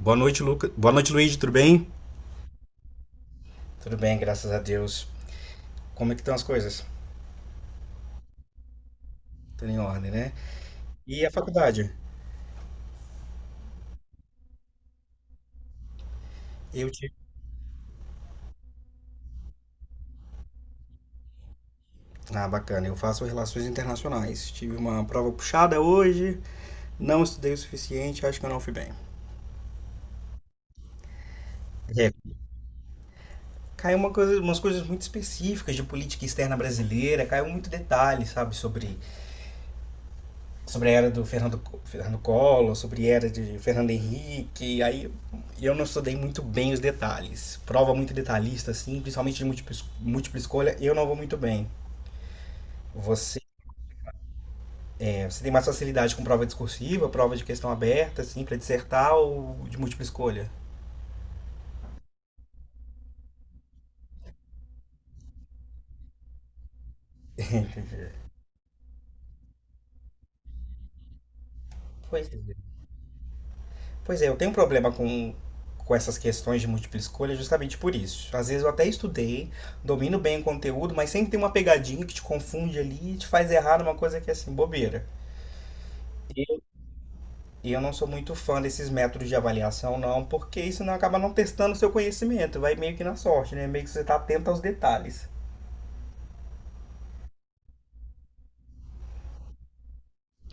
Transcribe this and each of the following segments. Boa noite, Lucas. Boa noite, Luiz, tudo bem? Tudo bem, graças a Deus. Como é que estão as coisas? Tudo em ordem, né? E a faculdade? Eu tive. Ah, bacana. Eu faço relações internacionais. Tive uma prova puxada hoje, não estudei o suficiente, acho que eu não fui bem. É. Caiu uma coisa, umas coisas muito específicas de política externa brasileira, caiu muito detalhe, sabe, sobre a era do Fernando, Fernando Collor, sobre a era de Fernando Henrique, aí eu não estudei muito bem os detalhes. Prova muito detalhista, assim, principalmente de múltipla escolha, eu não vou muito bem. Você, você tem mais facilidade com prova discursiva, prova de questão aberta, assim, para dissertar ou de múltipla escolha? Pois é. Pois é, eu tenho um problema com essas questões de múltipla escolha justamente por isso. Às vezes eu até estudei, domino bem o conteúdo, mas sempre tem uma pegadinha que te confunde ali e te faz errar numa coisa que é assim, bobeira. E eu não sou muito fã desses métodos de avaliação, não, porque isso não acaba não testando o seu conhecimento, vai meio que na sorte, né? Meio que você está atento aos detalhes.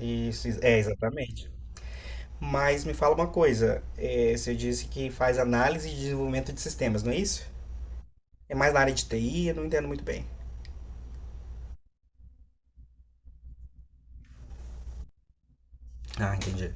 Isso, é, exatamente. Mas me fala uma coisa, você disse que faz análise e desenvolvimento de sistemas, não é isso? É mais na área de TI, eu não entendo muito bem. Ah, entendi.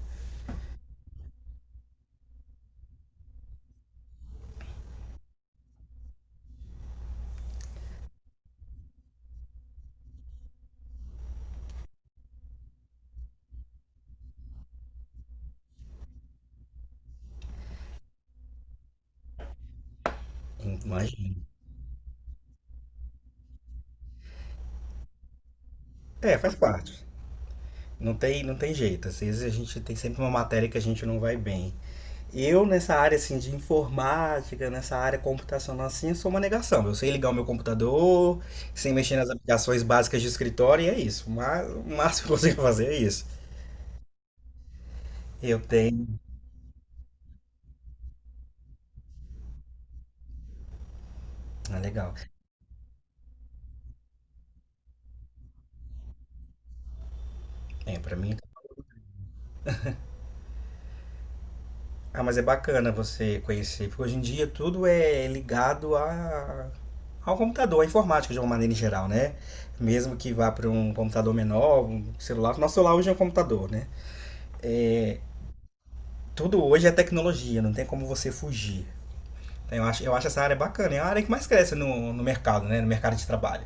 Imagino. É, faz parte. Não tem jeito. Às vezes a gente tem sempre uma matéria que a gente não vai bem. Eu, nessa área assim, de informática, nessa área computacional assim, eu sou uma negação. Eu sei ligar o meu computador, sem mexer nas aplicações básicas de escritório, e é isso. Mas o máximo que eu consigo fazer é isso. Eu tenho. Ah, legal. É, pra mim. Ah, mas é bacana você conhecer, porque hoje em dia tudo é ligado a... ao computador, à informática de uma maneira em geral, né? Mesmo que vá para um computador menor, um celular. Nosso celular hoje é um computador, né? É, tudo hoje é tecnologia, não tem como você fugir. Eu acho essa área bacana. É a área que mais cresce no mercado, né? No mercado de trabalho.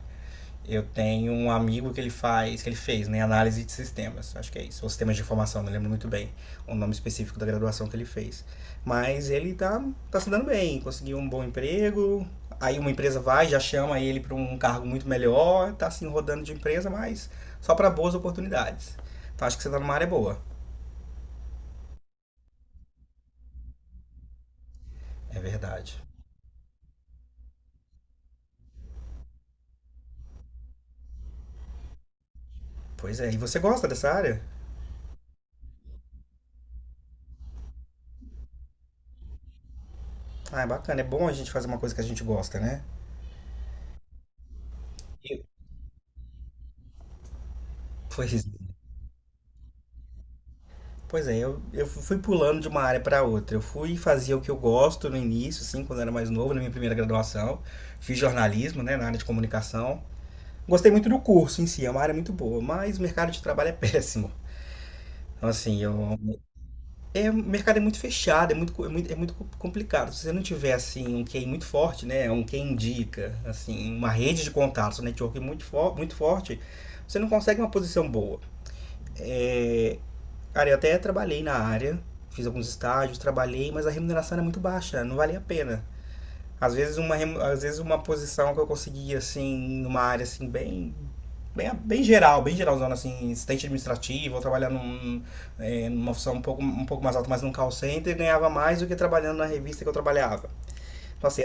Eu tenho um amigo que ele fez, né? Análise de sistemas, acho que é isso. Ou sistemas de informação, não lembro muito bem o nome específico da graduação que ele fez. Mas ele tá se dando bem, conseguiu um bom emprego. Aí uma empresa vai, já chama ele para um cargo muito melhor, tá assim rodando de empresa, mas só para boas oportunidades. Então acho que você tá numa área boa. É verdade. Pois é, e você gosta dessa área? Ah, é bacana, é bom a gente fazer uma coisa que a gente gosta, né? Pois, é. Pois é, eu fui pulando de uma área para outra. Eu fui fazer o que eu gosto no início, assim, quando eu era mais novo, na minha primeira graduação. Fiz jornalismo, né, na área de comunicação. Gostei muito do curso em si, é uma área muito boa, mas o mercado de trabalho é péssimo. Então, assim, eu, é, o mercado é muito fechado, é muito, co- é muito complicado. Se você não tiver, assim, um quem muito forte, né, um quem indica, assim, uma rede de contatos, um network muito forte, você não consegue uma posição boa. É, cara, eu até trabalhei na área, fiz alguns estágios, trabalhei, mas a remuneração era muito baixa, não valia a pena. Às vezes uma posição que eu conseguia, assim, numa área, assim, bem geral, bem geralzona, assim, assistente administrativo, ou trabalhar num, é, numa função um pouco mais alta, mas num call center, ganhava mais do que trabalhando na revista que eu trabalhava. Então, assim,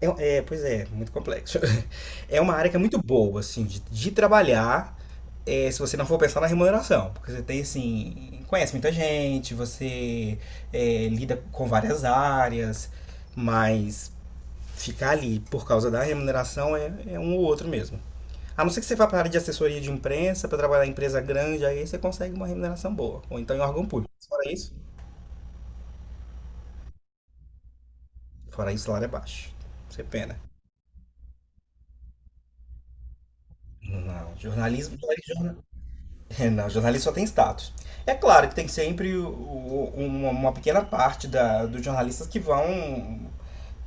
é, é, pois é, muito complexo. É uma área que é muito boa, assim, de trabalhar, é, se você não for pensar na remuneração, porque você tem assim, conhece muita gente, você é, lida com várias áreas, mas ficar ali por causa da remuneração é, é um ou outro mesmo. A não ser que você vá para a área de assessoria de imprensa, para trabalhar em empresa grande, aí você consegue uma remuneração boa, ou então em órgão público. Fora isso, o salário é baixo. Você pena. Não, jornalismo, é, não, jornalista só tem status. É claro que tem sempre uma pequena parte dos jornalistas que vão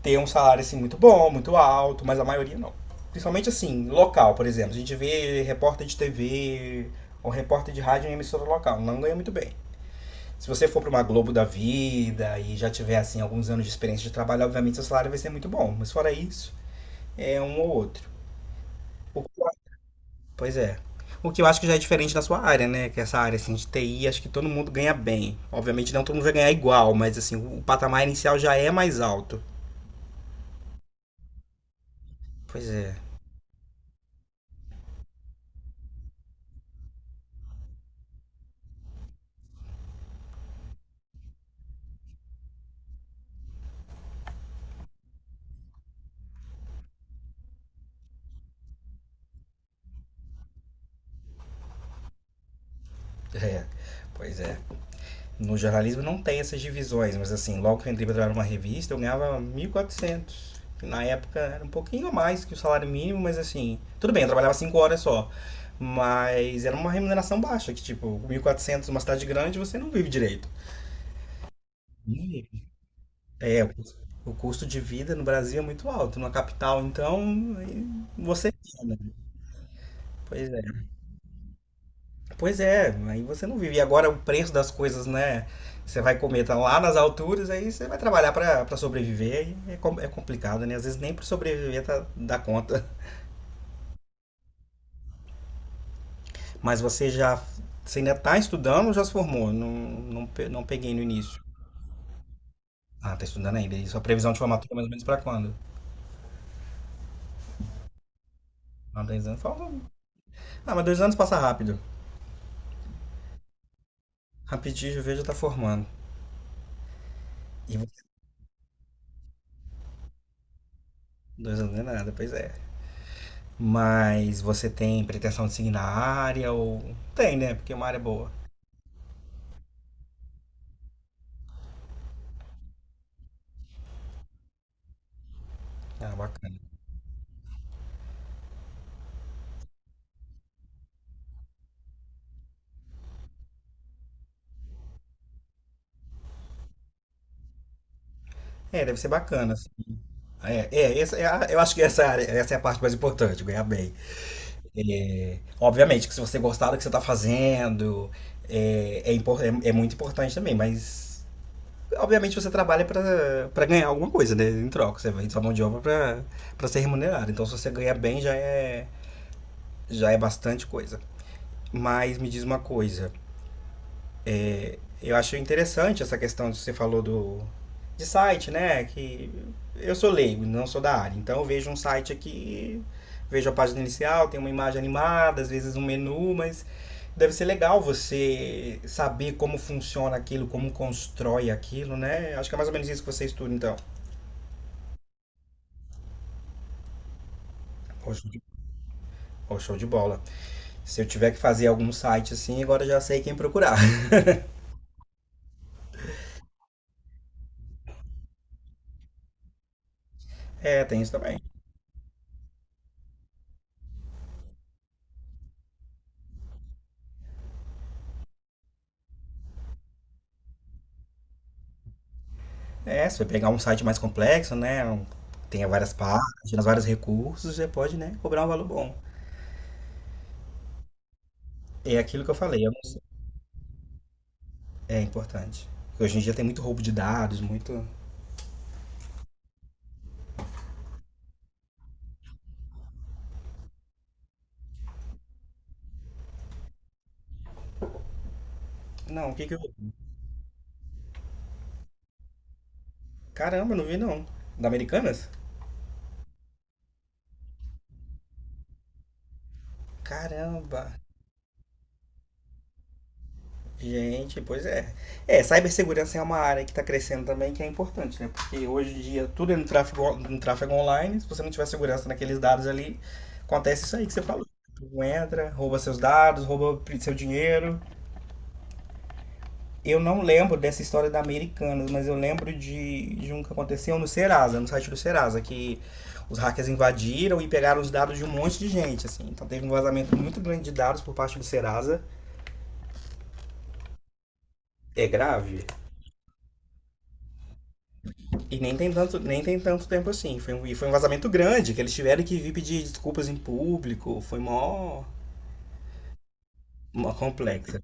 ter um salário assim muito bom, muito alto, mas a maioria não. Principalmente assim, local, por exemplo. A gente vê repórter de TV ou repórter de rádio em emissora local, não ganha muito bem. Se você for para uma Globo da vida e já tiver assim alguns anos de experiência de trabalho, obviamente seu salário vai ser muito bom. Mas fora isso, é um ou outro. O que eu Pois é. O que eu acho que já é diferente da sua área, né? Que essa área assim, de TI, acho que todo mundo ganha bem. Obviamente não todo mundo vai ganhar igual, mas assim, o patamar inicial já é mais alto. Pois é. É. Pois é. No jornalismo não tem essas divisões, mas assim, logo que eu entrei para trabalhar numa revista, eu ganhava 1.400 quatrocentos. Na época era um pouquinho a mais que o salário mínimo, mas assim, tudo bem, eu trabalhava 5 horas só. Mas era uma remuneração baixa, que tipo, 1.400 numa cidade grande, você não vive direito. É, o custo de vida no Brasil é muito alto. Na capital, então, aí você vive, né? Pois é. Pois é, aí você não vive. E agora o preço das coisas, né? Você vai comer, tá lá nas alturas, aí você vai trabalhar pra sobreviver. E é, é complicado, né? Às vezes nem pra sobreviver tá, dá conta. Mas você já. Você ainda tá estudando ou já se formou? Não, não, não peguei no início. Ah, tá estudando ainda. E sua previsão de formatura é mais ou menos pra quando? Ah, 2 anos. Ah, mas 2 anos passa rápido. Rapidinho, o V já tá formando. 2 anos não é nada, pois é. Mas você tem pretensão de seguir na área ou. Tem, né? Porque é uma área boa. Ah, bacana. É, deve ser bacana, assim. É, é, eu acho que essa é a área, essa é a parte mais importante, ganhar bem. É, obviamente que se você gostar do que você está fazendo, é, é, é muito importante também, mas obviamente você trabalha para ganhar alguma coisa, né? Em troca, você vende sua mão de obra para ser remunerado. Então se você ganhar bem já é bastante coisa. Mas me diz uma coisa, eu acho interessante essa questão que você falou do de site, né? Que eu sou leigo, não sou da área. Então eu vejo um site aqui, vejo a página inicial, tem uma imagem animada, às vezes um menu, mas deve ser legal você saber como funciona aquilo, como constrói aquilo, né? Acho que é mais ou menos isso que você estuda, então. Pô, show de Pô, show de bola. Se eu tiver que fazer algum site assim, agora eu já sei quem procurar. É, tem isso também. É, se você pegar um site mais complexo, né? Tenha várias páginas, vários recursos, você pode, né, cobrar um valor bom. É aquilo que eu falei, eu não, é importante. Hoje em dia tem muito roubo de dados, muito. Não, o que que eu. Caramba, não vi não. Da Americanas? Caramba! Gente, pois é. É, cibersegurança é uma área que está crescendo também, que é importante, né? Porque hoje em dia tudo é no tráfego, no tráfego online. Se você não tiver segurança naqueles dados ali, acontece isso aí que você falou. Tu entra, rouba seus dados, seu dinheiro. Eu não lembro dessa história da Americanas, mas eu lembro de um que aconteceu no Serasa, no site do Serasa, que os hackers invadiram e pegaram os dados de um monte de gente, assim. Então teve um vazamento muito grande de dados por parte do Serasa. É grave. Nem tem tanto tempo assim. Foi um vazamento grande, que eles tiveram que vir pedir desculpas em público. Mó complexa.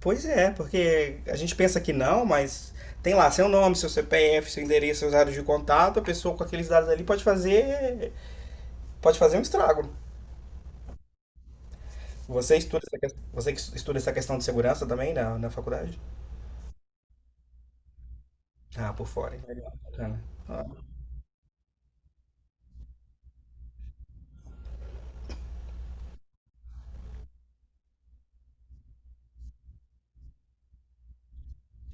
Pois é, porque a gente pensa que não, mas tem lá seu nome, seu CPF, seu endereço, seus dados de contato. A pessoa com aqueles dados ali pode fazer pode fazer um estrago. Você que estuda essa questão de segurança também na faculdade? Ah, por fora, hein? Legal, bacana. Ah,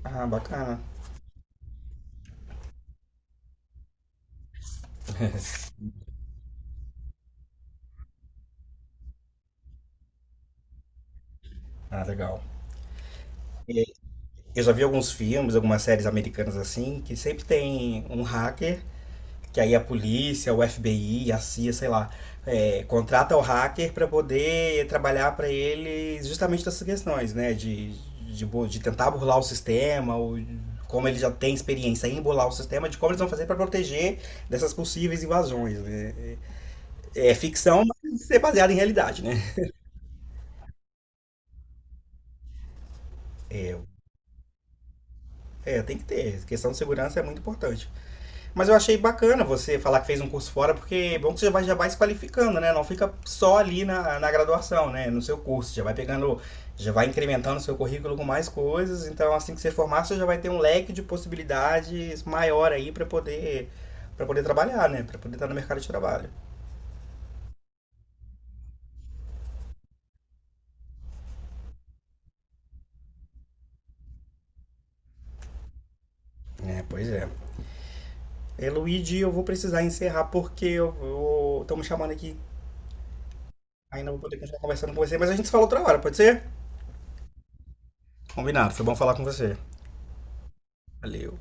ah, bacana. Ah, legal. E eu já vi alguns filmes, algumas séries americanas assim, que sempre tem um hacker que aí a polícia, o FBI, a CIA, sei lá, é, contrata o hacker para poder trabalhar para ele justamente dessas questões, né? De tentar burlar o sistema, ou como ele já tem experiência em burlar o sistema, de como eles vão fazer para proteger dessas possíveis invasões, né? É, é ficção, mas é baseado em realidade, né? É, Tem que ter. A questão de segurança é muito importante. Mas eu achei bacana você falar que fez um curso fora, porque é bom que você já vai se qualificando, né? Não fica só ali na graduação, né? No seu curso, já vai pegando, já vai incrementando o seu currículo com mais coisas. Então, assim que você formar, você já vai ter um leque de possibilidades maior aí para poder trabalhar, né? Para poder estar no mercado de trabalho. É, pois é. E, Luigi, eu vou precisar encerrar porque eu vou... estão me chamando aqui. Ainda vou poder continuar conversando com você, mas a gente se fala outra hora, pode ser? Combinado, foi bom falar com você. Valeu.